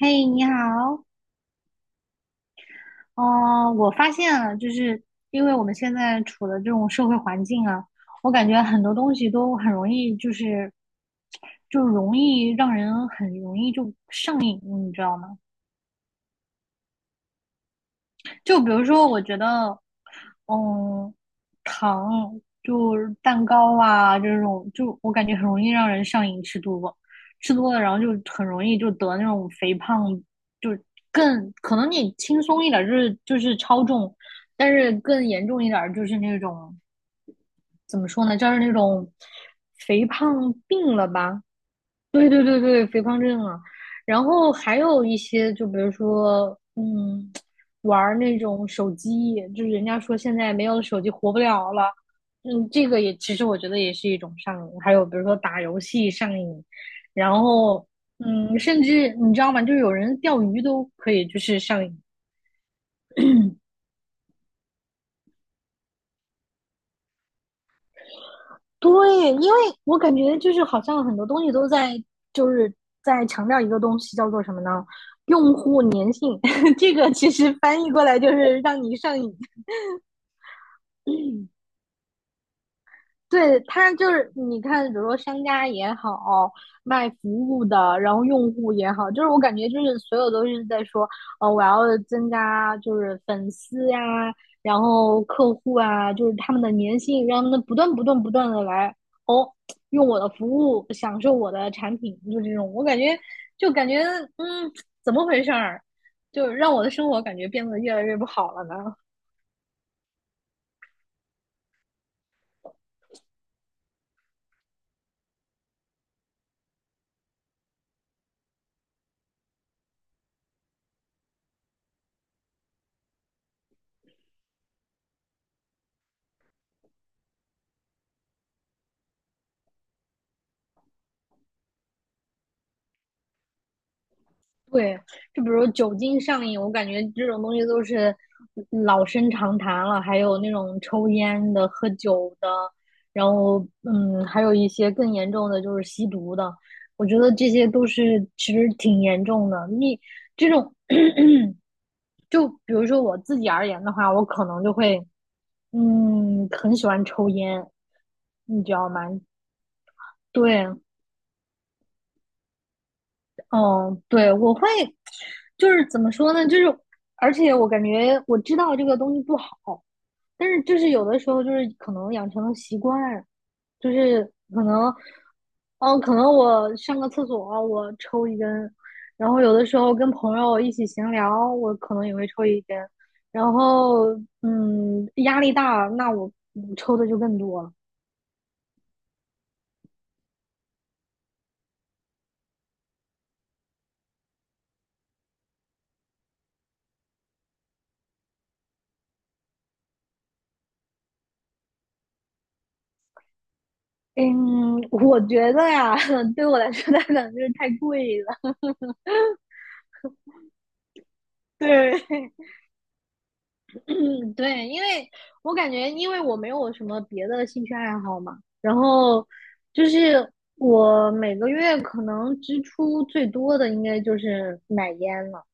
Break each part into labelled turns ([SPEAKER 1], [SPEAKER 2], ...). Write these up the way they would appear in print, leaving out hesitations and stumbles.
[SPEAKER 1] 嘿，你好。哦，我发现了，因为我们现在处的这种社会环境啊，我感觉很多东西都很容易，就是就容易让人很容易就上瘾，你知道吗？就比如说，我觉得，嗯，糖就是蛋糕啊这种，就我感觉很容易让人上瘾，吃多了，然后就很容易就得那种肥胖，就更可能你轻松一点儿就是超重，但是更严重一点儿就是那种怎么说呢，就是那种肥胖病了吧。对对对对，肥胖症啊。然后还有一些，就比如说，玩儿那种手机，就是人家说现在没有手机活不了了，嗯，这个也其实我觉得也是一种上瘾。还有比如说打游戏上瘾，然后，嗯，甚至你知道吗？就有人钓鱼都可以，就是上瘾。对，因为我感觉就是好像很多东西都在就是在强调一个东西，叫做什么呢？用户粘性。这个其实翻译过来就是让你上瘾。对，他就是你看，比如说商家也好，卖服务的，然后用户也好，就是我感觉就是所有都是在说，我要增加就是粉丝呀、然后客户啊，就是他们的粘性，让他们不断不断不断的来哦，用我的服务，享受我的产品，就这种，我感觉就感觉嗯，怎么回事儿，就让我的生活感觉变得越来越不好了呢？对，就比如酒精上瘾，我感觉这种东西都是老生常谈了。还有那种抽烟的、喝酒的，然后还有一些更严重的就是吸毒的。我觉得这些都是其实挺严重的。你这种，就比如说我自己而言的话，我可能就会嗯，很喜欢抽烟，你知道吗？对，嗯，对，就是怎么说呢？而且我感觉我知道这个东西不好，但是就是有的时候就是可能养成了习惯，就是可能，嗯，可能我上个厕所我抽一根，然后有的时候跟朋友一起闲聊，我可能也会抽一根，然后压力大，那我抽的就更多了。嗯，我觉得呀，对我来说它可能就是太贵了。对，嗯，对，我感觉，因为我没有什么别的兴趣爱好嘛，然后就是我每个月可能支出最多的应该就是买烟了。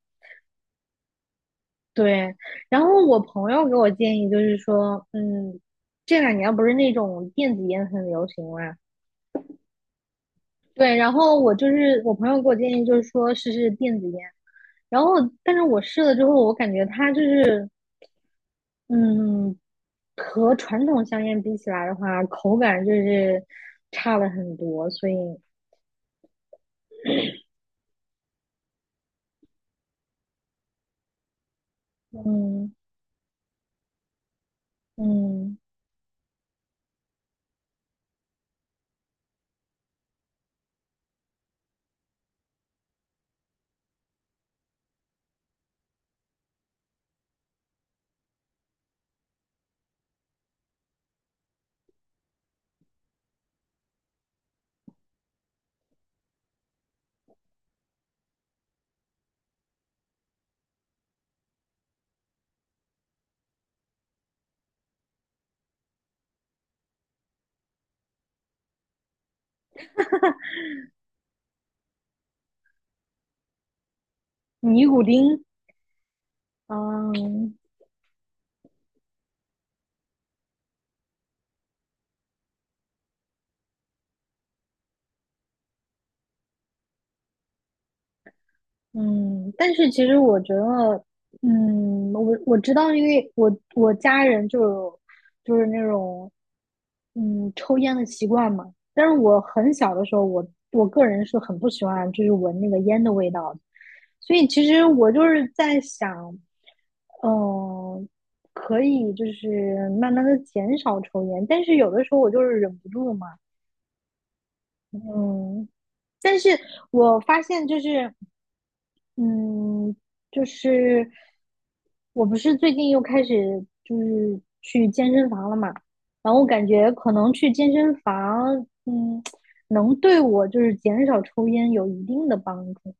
[SPEAKER 1] 对，然后我朋友给我建议就是说，嗯，这两年不是那种电子烟很流行嘛？对，然后我就是我朋友给我建议就是说试试电子烟，然后但是我试了之后，我感觉它就是嗯和传统香烟比起来的话，口感就是差了很多，所以，嗯嗯，尼古丁，嗯，嗯，但是其实我觉得，嗯，我知道，因为我我家人就有就是那种抽烟的习惯嘛。但是我很小的时候，我个人是很不喜欢就是闻那个烟的味道的，所以其实我就是在想，嗯、可以就是慢慢的减少抽烟，但是有的时候我就是忍不住嘛。嗯。但是我发现就是，嗯，就是我不是最近又开始就是去健身房了嘛？然后我感觉可能去健身房，嗯，能对我就是减少抽烟有一定的帮助。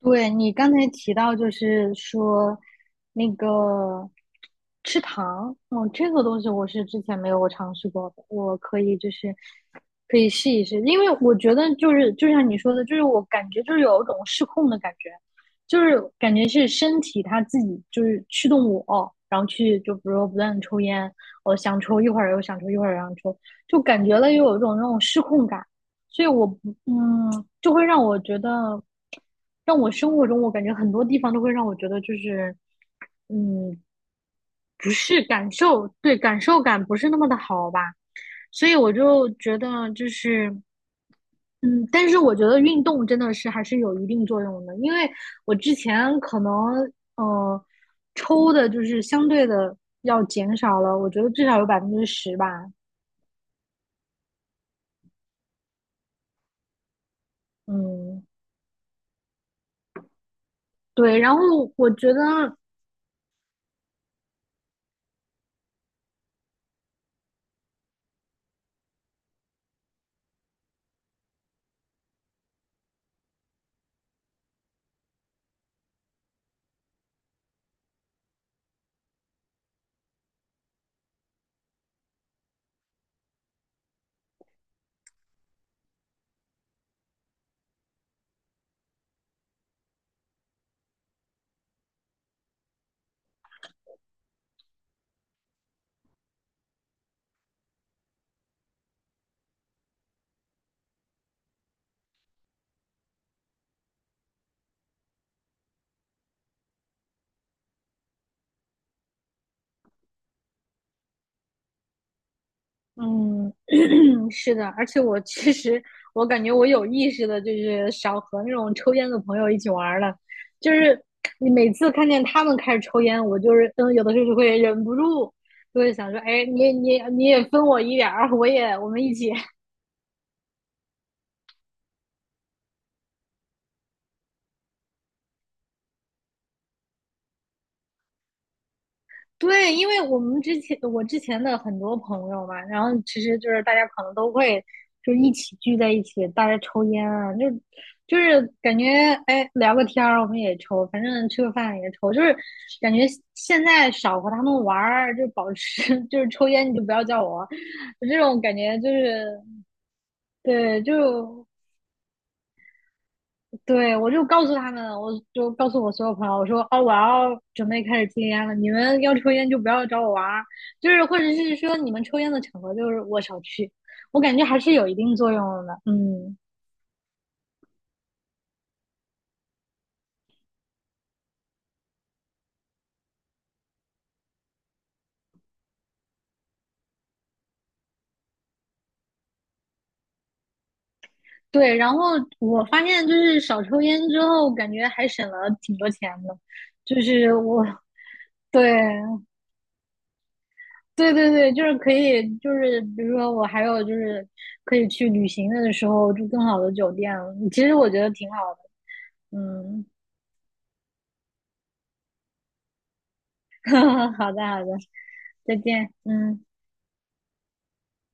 [SPEAKER 1] 对，你刚才提到，就是说那个吃糖。哦，这个东西我是之前没有尝试过的，我可以试一试，因为我觉得就是就像你说的，就是我感觉就是有一种失控的感觉，就是感觉是身体它自己就是驱动我，然后去就比如说不断的抽烟，我想抽一会儿又想抽一会儿又想抽，就感觉了又有一种那种失控感。所以我不嗯，就会让我觉得，让我生活中我感觉很多地方都会让我觉得就是嗯，不是感受，对，感受感不是那么的好吧，所以我就觉得就是。嗯，但是我觉得运动真的是还是有一定作用的，因为我之前可能呃抽的就是相对的要减少了，我觉得至少有10%吧。嗯，对，然后我觉得嗯，是的，而且我其实，我感觉我有意识的，就是少和那种抽烟的朋友一起玩儿了。就是你每次看见他们开始抽烟，我就是嗯，有的时候就会忍不住，就会想说，哎，你也分我一点儿，我们一起。对，因为我之前的很多朋友嘛，然后其实就是大家可能都会就一起聚在一起，大家抽烟啊，就是感觉哎聊个天儿我们也抽，反正吃个饭也抽，就是感觉现在少和他们玩儿，就保持 就是抽烟你就不要叫我，这种感觉就是对，就对，我就告诉他们，就告诉我所有朋友，我说哦，我要准备开始戒烟了，你们要抽烟就不要找我玩儿，就是或者是说你们抽烟的场合就是我少去，我感觉还是有一定作用的，嗯，对。然后我发现就是少抽烟之后，感觉还省了挺多钱的，就是我对对对对，就是可以，就是比如说我还有就是可以去旅行的时候住更好的酒店，其实我觉得挺好的，嗯。好的，好的，再见，嗯。